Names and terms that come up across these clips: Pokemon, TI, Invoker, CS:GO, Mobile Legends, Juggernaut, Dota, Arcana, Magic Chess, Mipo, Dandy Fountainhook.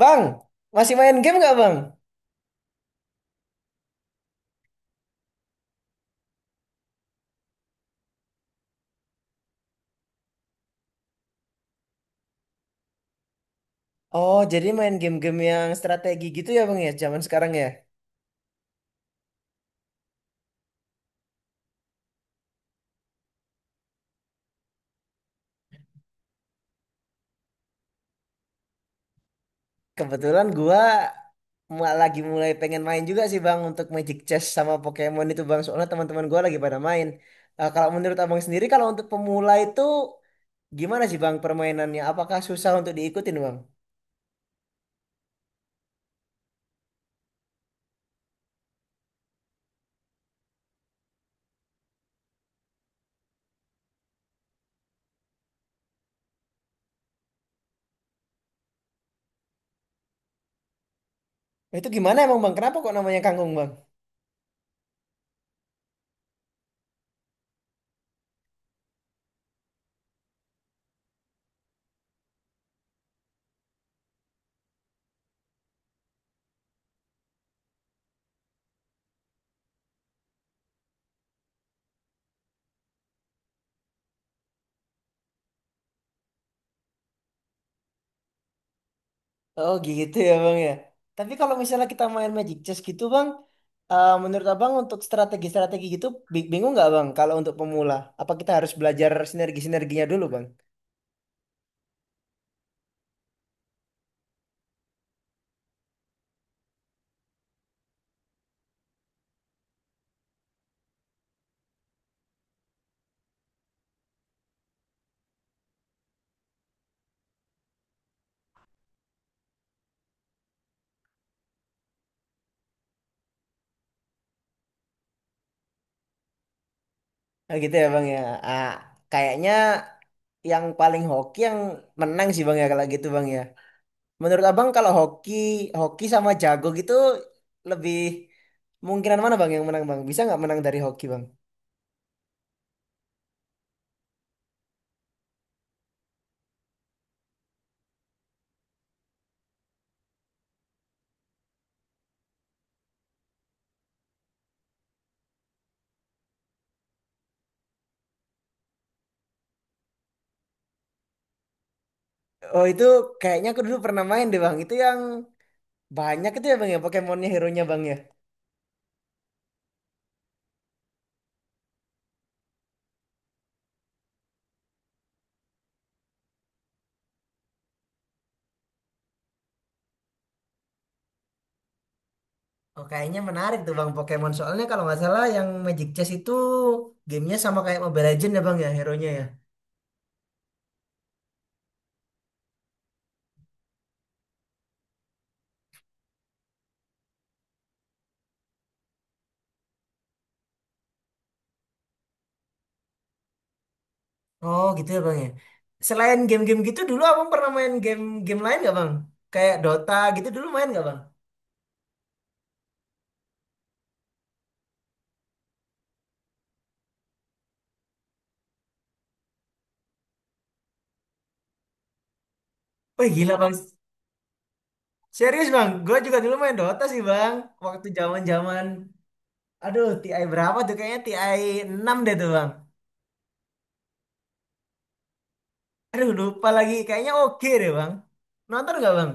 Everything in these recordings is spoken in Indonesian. Bang, masih main game nggak bang? Oh, jadi main game-game yang strategi gitu ya bang ya, zaman sekarang ya. Kebetulan gua lagi mulai pengen main juga sih bang untuk Magic Chess sama Pokemon itu bang. Soalnya teman-teman gua lagi pada main. Kalau menurut abang sendiri, kalau untuk pemula itu gimana sih bang permainannya? Apakah susah untuk diikutin bang? Itu gimana emang bang? Kenapa kok namanya kangkung bang? Oh gitu ya bang ya. Tapi kalau misalnya kita main Magic Chess gitu bang, menurut abang untuk strategi-strategi gitu bingung nggak bang? Kalau untuk pemula, apa kita harus belajar sinergi-sinerginya dulu bang? Nah, gitu ya bang ya. Ah, Kayaknya yang paling hoki yang menang sih bang ya kalau gitu bang ya. Menurut abang kalau hoki, hoki sama jago gitu lebih mungkinan mana bang yang menang bang? Bisa nggak menang dari hoki bang? Oh itu kayaknya aku dulu pernah main deh bang. Itu yang banyak itu ya bang ya Pokemon-nya hero-nya bang ya. Oh, kayaknya menarik tuh Bang Pokemon. Soalnya kalau nggak salah yang Magic Chess itu gamenya sama kayak Mobile Legends ya Bang ya, hero-nya ya. Oh gitu ya Bang ya. Selain game-game gitu dulu abang pernah main game-game lain nggak Bang? Kayak Dota gitu dulu main nggak Bang? Wih gila Bang. Serius Bang, gue juga dulu main Dota sih Bang. Waktu zaman zaman aduh TI berapa tuh kayaknya TI 6 deh tuh Bang. Aduh lupa lagi, kayaknya oke deh Bang. Nonton nggak Bang?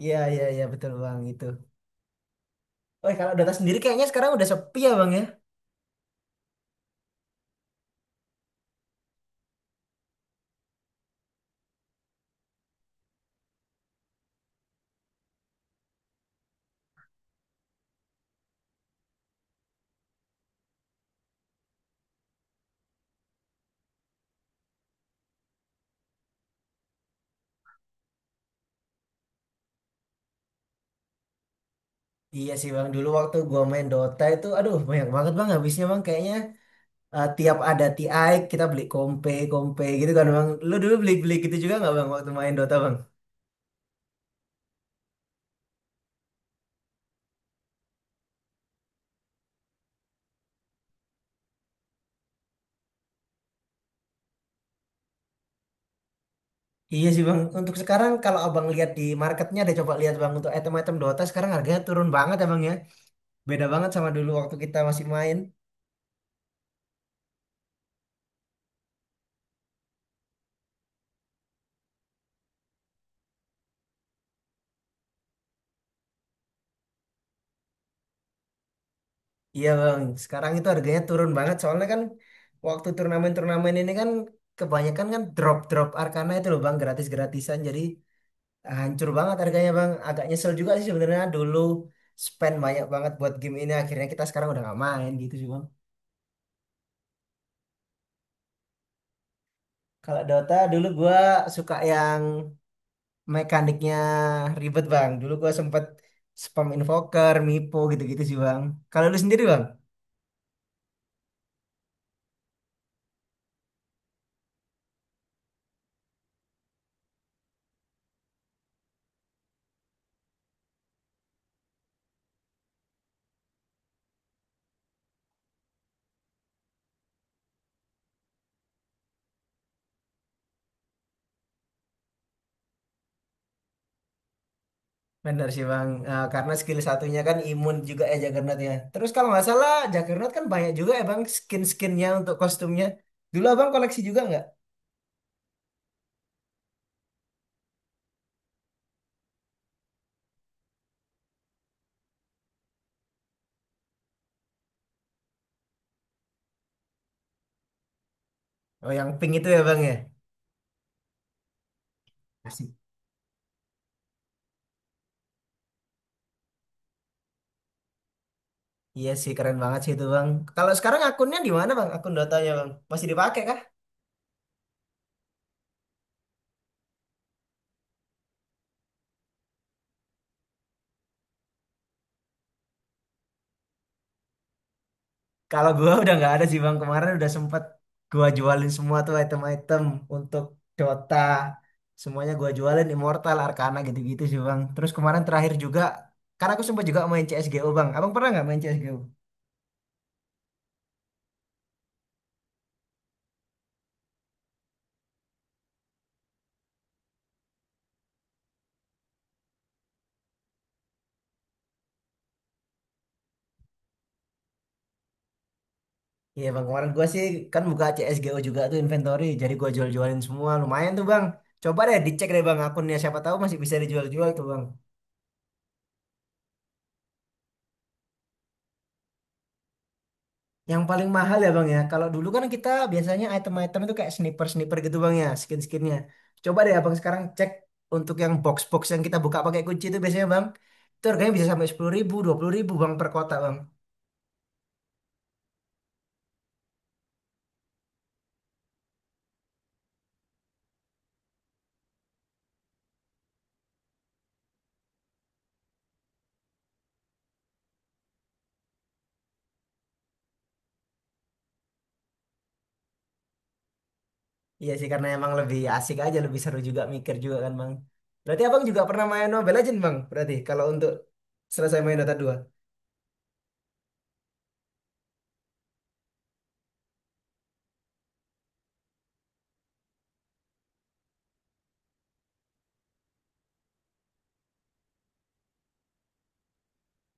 Iya, iya, iya, betul Bang itu. Wih kalau Dota sendiri kayaknya sekarang udah sepi ya Bang ya. Iya sih bang, dulu waktu gua main Dota itu, aduh banyak banget bang habisnya bang kayaknya tiap ada TI kita beli kompe gitu kan bang. Lu dulu beli-beli gitu juga nggak bang waktu main Dota bang? Iya sih bang, untuk sekarang kalau abang lihat di marketnya deh coba lihat bang untuk item-item Dota sekarang harganya turun banget ya bang ya. Beda banget sama dulu waktu kita masih main. Iya bang, sekarang itu harganya turun banget soalnya kan waktu turnamen-turnamen ini kan kebanyakan kan drop-drop Arcana itu loh bang gratis-gratisan jadi hancur banget harganya bang agak nyesel juga sih sebenarnya dulu spend banyak banget buat game ini akhirnya kita sekarang udah nggak main gitu sih bang. Kalau Dota dulu gua suka yang mekaniknya ribet bang, dulu gua sempet spam invoker mipo gitu-gitu sih bang. Kalau lu sendiri bang? Bener sih bang. Karena skill satunya kan imun juga ya Juggernaut ya, terus kalau nggak salah Juggernaut kan banyak juga ya bang skin-skinnya untuk kostumnya. Dulu abang koleksi juga nggak? Oh yang pink itu ya bang ya. Iya sih keren banget sih itu bang. Kalau sekarang akunnya di mana bang? Akun Dotanya bang masih dipakai kah? Kalau gua udah nggak ada sih bang. Kemarin udah sempet gua jualin semua tuh item-item untuk Dota. Semuanya gua jualin Immortal, Arcana gitu-gitu sih bang. Terus kemarin terakhir juga, karena aku sempet juga main CS:GO bang. Abang pernah nggak main CS:GO? Iya bang. Kemarin gua sih kan buka CS:GO juga tuh inventory. Jadi gua jual-jualin semua. Lumayan tuh bang. Coba deh dicek deh bang akunnya. Siapa tahu masih bisa dijual-jual tuh bang. Yang paling mahal ya bang ya. Kalau dulu kan kita biasanya item-item itu kayak sniper-sniper gitu bang ya, skin-skinnya. Coba deh abang sekarang cek untuk yang box-box yang kita buka pakai kunci itu biasanya bang, itu harganya bisa sampai 10.000, 20.000 bang per kotak bang. Iya sih karena emang lebih asik aja, lebih seru juga mikir juga kan bang. Berarti abang juga pernah main Mobile Legends bang? Berarti kalau untuk selesai main Dota dua.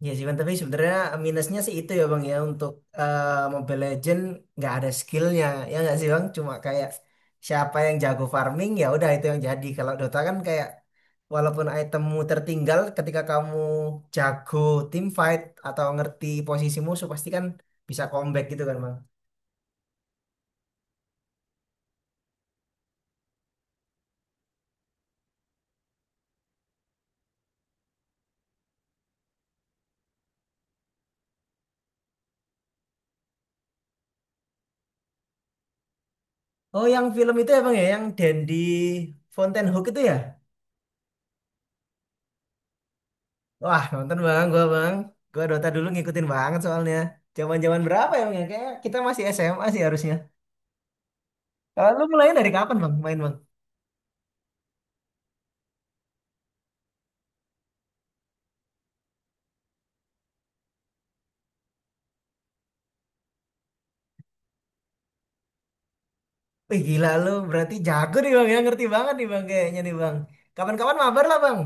Iya sih, Bang. Tapi sebenarnya minusnya sih itu ya Bang ya untuk eh, Mobile Legend nggak ada skillnya ya nggak sih Bang, cuma kayak siapa yang jago farming ya udah itu yang jadi. Kalau Dota kan kayak walaupun itemmu tertinggal ketika kamu jago team fight atau ngerti posisi musuh pasti kan bisa comeback gitu kan Bang. Oh yang film itu ya Bang ya yang Dandy Fountainhook itu ya. Wah nonton Bang gua Bang, gua Dota dulu ngikutin banget soalnya. Jaman-jaman berapa ya Bang ya? Kayak kita masih SMA sih harusnya. Ah, lu mulai dari kapan bang main bang? Wih gila lu berarti jago nih bang ya, ngerti banget nih bang kayaknya nih bang. Kapan-kapan mabar lah bang.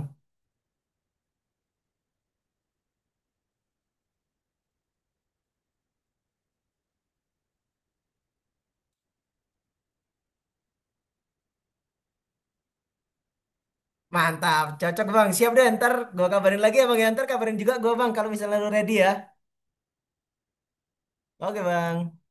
Mantap, cocok bang. Siap deh ntar gua kabarin lagi ya bang ya. Ntar kabarin juga gua bang kalau misalnya lu ready ya. Oke bang.